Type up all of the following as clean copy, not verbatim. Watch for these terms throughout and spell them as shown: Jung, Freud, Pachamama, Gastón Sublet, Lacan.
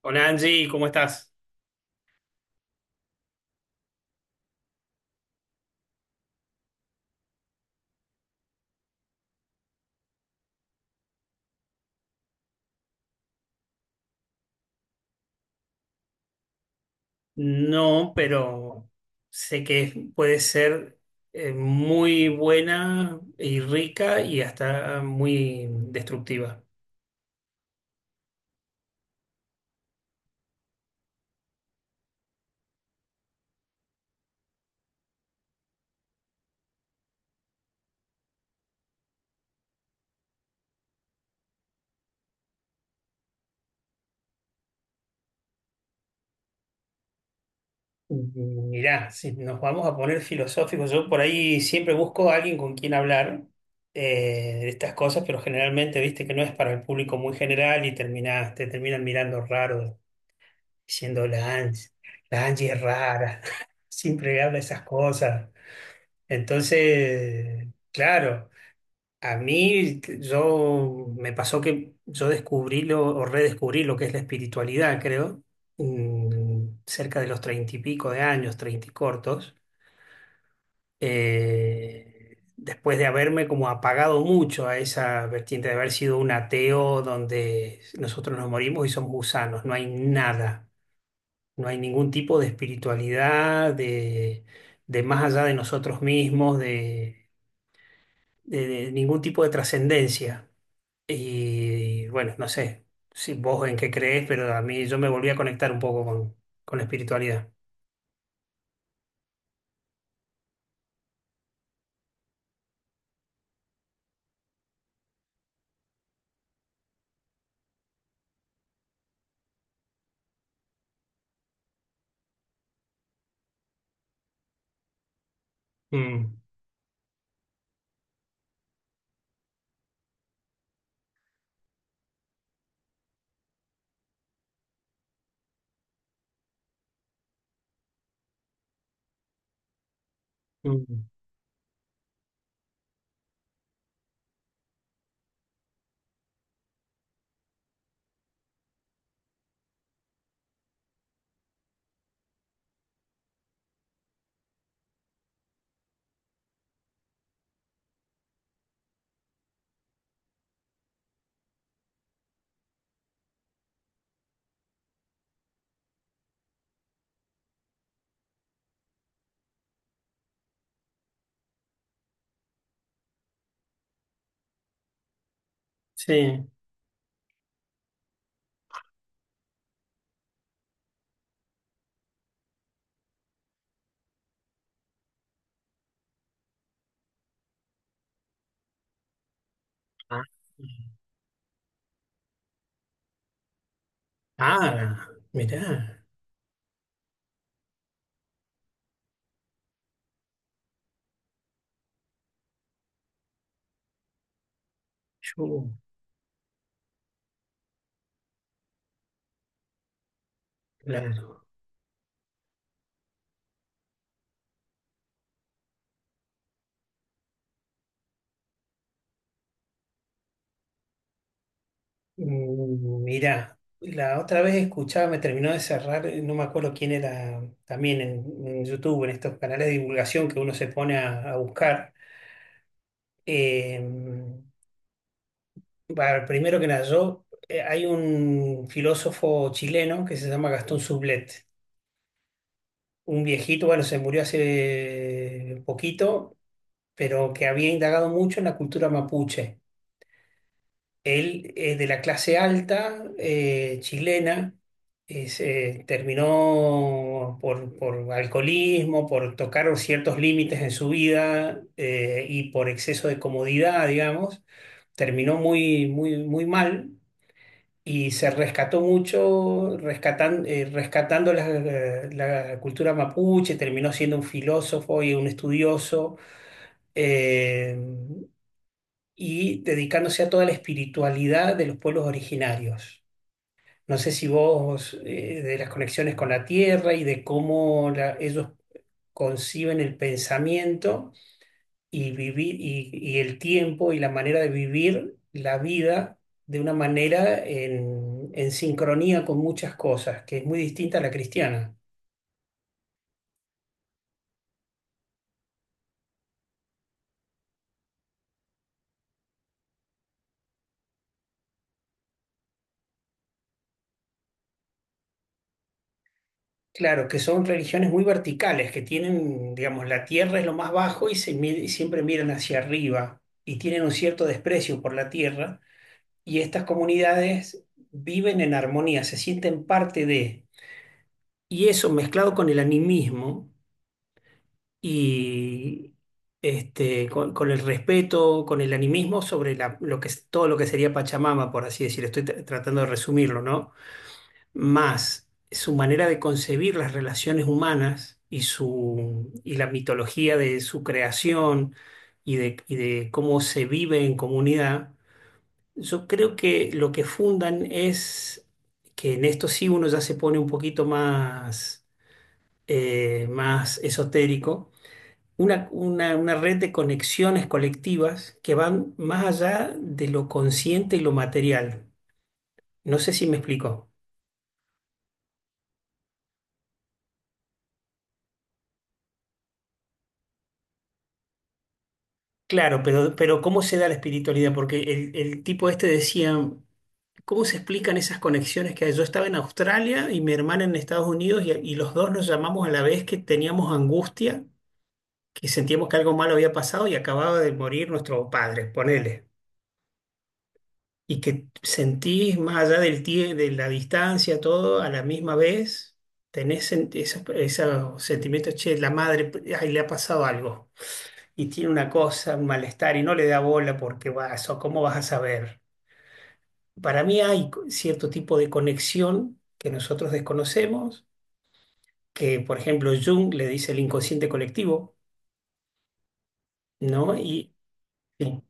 Hola Angie, ¿cómo estás? No, pero sé que es- puede ser muy buena y rica y hasta muy destructiva. Mirá, si nos vamos a poner filosóficos, yo por ahí siempre busco a alguien con quien hablar de estas cosas, pero generalmente viste que no es para el público muy general y terminás- te terminan mirando raro, diciendo la Angie es rara, siempre habla esas cosas. Entonces, claro, a mí t- yo me pasó que yo descubrí lo, o redescubrí lo que es la espiritualidad, creo, cerca de los treinta y pico de años, treinta y cortos, después de haberme como apagado mucho a esa vertiente de haber sido un ateo donde nosotros nos morimos y somos gusanos, no hay nada, no hay ningún tipo de espiritualidad, de más allá de nosotros mismos, de de ningún tipo de trascendencia. Y bueno, no sé si vos en qué crees, pero a mí yo me volví a conectar un poco con la espiritualidad. Mm, mm, sí. Ah, ah, mirá. Yo, claro. Mm, mirá. La otra vez escuchaba, me terminó de cerrar, no me acuerdo quién era, también en YouTube, en estos canales de divulgación que uno se pone a buscar. eh, Bueno, primero que nada, yo, hay un filósofo chileno que se llama Gastón Sublet, un viejito, bueno, se murió hace poquito, pero que había indagado mucho en la cultura mapuche. Él es de la clase alta chilena, se terminó por alcoholismo, por tocar ciertos límites en su vida y por exceso de comodidad, digamos, terminó muy, muy, muy mal. Y se rescató mucho, rescatan- rescatando la, la cultura mapuche, terminó siendo un filósofo y un estudioso, eh, y dedicándose a toda la espiritualidad de los pueblos originarios. No sé si vos, de las conexiones con la tierra y de cómo la- ellos conciben el pensamiento y vivir y el tiempo y la manera de vivir la vida de una manera en sincronía con muchas cosas, que es muy distinta a la cristiana. Claro, que son religiones muy verticales, que tienen, digamos, la tierra es lo más bajo y, se, mi- y siempre miran hacia arriba y tienen un cierto desprecio por la tierra y estas comunidades viven en armonía, se sienten parte de, y eso mezclado con el animismo. Y este, con el respeto, con el animismo sobre la- lo que, es- todo lo que sería Pachamama, por así decir, estoy tra- tratando de resumirlo, ¿no? Más su manera de concebir las relaciones humanas y, su, y la mitología de su creación y de cómo se vive en comunidad, yo creo que lo que fundan es que en esto sí uno ya se pone un poquito más, más esotérico, una red de conexiones colectivas que van más allá de lo consciente y lo material. No sé si me explico. Claro, pero ¿cómo se da la espiritualidad? Porque el tipo este decía, ¿cómo se explican esas conexiones que hay? Yo estaba en Australia y mi hermana en Estados Unidos y los dos nos llamamos a la vez que teníamos angustia, que sentíamos que algo malo había pasado y acababa de morir nuestro padre, ponele. Y que sentís más allá del tie- de la distancia, todo a la misma vez, tenés sen- esos, esos sentimientos, che, la madre, ay, le ha pasado algo y tiene una cosa, un malestar y no le da bola porque vas o ¿cómo vas a saber? Para mí hay co- cierto tipo de conexión que nosotros desconocemos, que por ejemplo Jung le dice el inconsciente colectivo, ¿no? Y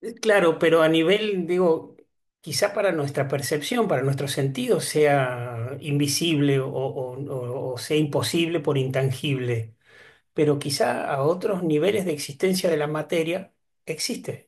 Claro, pero a nivel, digo, quizá para nuestra percepción, para nuestros sentidos, sea invisible o sea imposible por intangible, pero quizá a otros niveles de existencia de la materia existe.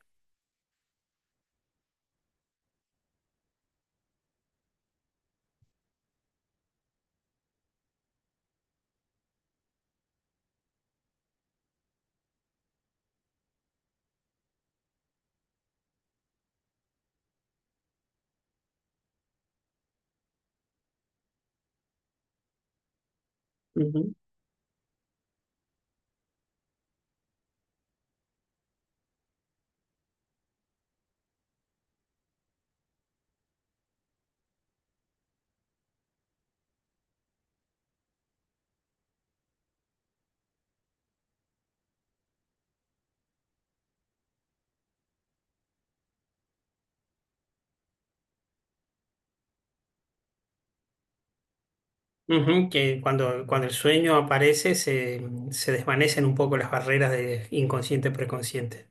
Ujú. Ujú, que cuando, cuando el sueño aparece se, se desvanecen un poco las barreras de inconsciente-preconsciente.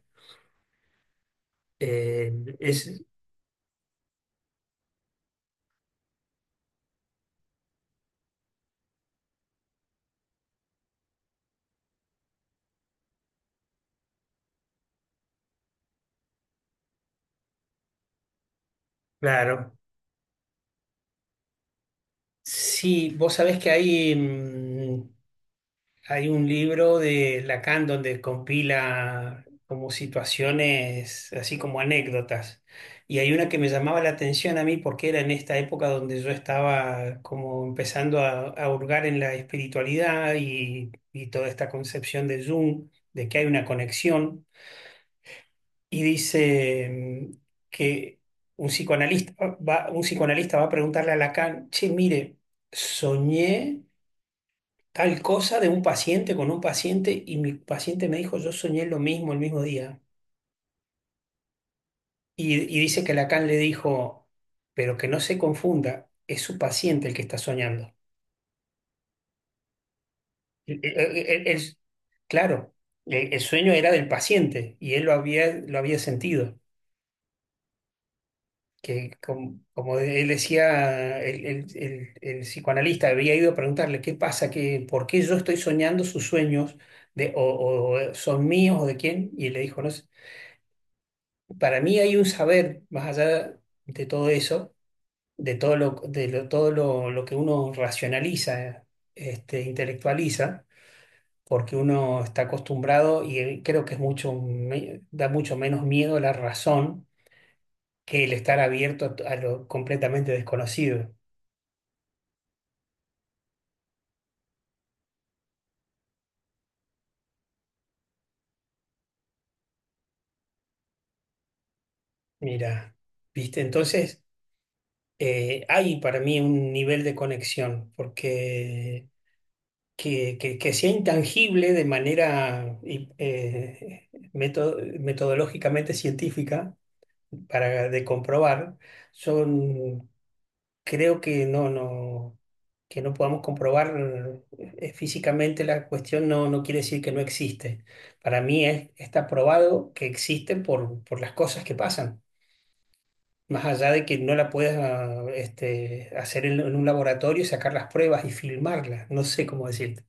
Eh, es claro. Sí, vos sabés que hay. Hay un libro de Lacan donde compila como situaciones, así como anécdotas. Y hay una que me llamaba la atención a mí porque era en esta época donde yo estaba como empezando a hurgar en la espiritualidad y toda esta concepción de Jung, de que hay una conexión. Y dice mm, que un psicoanalista va a preguntarle a Lacan, che, mire, soñé tal cosa de un paciente con un paciente y mi paciente me dijo, yo soñé lo mismo el mismo día. Y dice que Lacan le dijo, pero que no se confunda, es su paciente el que está soñando. El- claro, el sueño era del paciente y él lo había sentido. Que como, como él decía, el psicoanalista había ido a preguntarle qué pasa, que, por qué yo estoy soñando sus sueños de, o son míos o de quién, y le dijo, no sé, para mí hay un saber, más allá de todo eso, de todo lo, de lo- todo lo que uno racionaliza, este, intelectualiza, porque uno está acostumbrado y creo que es mucho, me- da mucho menos miedo la razón que el estar abierto a, t- a lo completamente desconocido. Mira, ¿viste? Entonces, hay para mí un nivel de conexión, porque que sea intangible de manera y, meto- metodológicamente científica para de comprobar, son, creo que no, no, que no podamos comprobar físicamente la cuestión no, no quiere decir que no existe. Para mí es- está probado que existe por las cosas que pasan. Más allá de que no la puedas este, hacer en un laboratorio y sacar las pruebas y filmarlas, no sé cómo decirlo.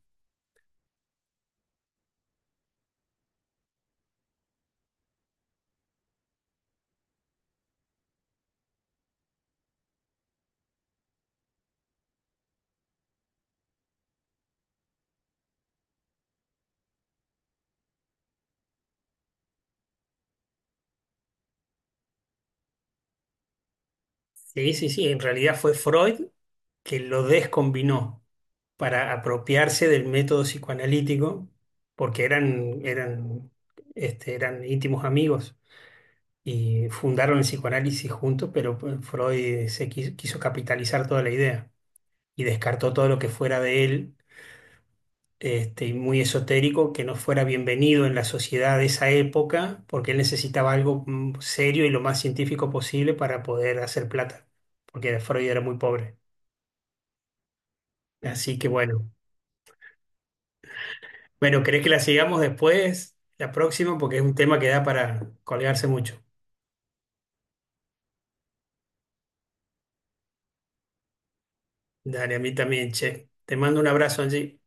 Sí, sí, sí. En realidad fue Freud que lo descombinó para apropiarse del método psicoanalítico, porque eran, eran, este, eran íntimos amigos y fundaron el psicoanálisis juntos, pero pues, Freud se qui- quiso, capitalizar toda la idea y descartó todo lo que fuera de él, este, y muy esotérico, que no fuera bienvenido en la sociedad de esa época, porque él necesitaba algo serio y lo más científico posible para poder hacer plata, porque Freud era muy pobre. Así que bueno. Bueno, ¿querés que la sigamos después, la próxima? Porque es un tema que da para colgarse mucho. Dale, a mí también, che. Te mando un abrazo, Angie.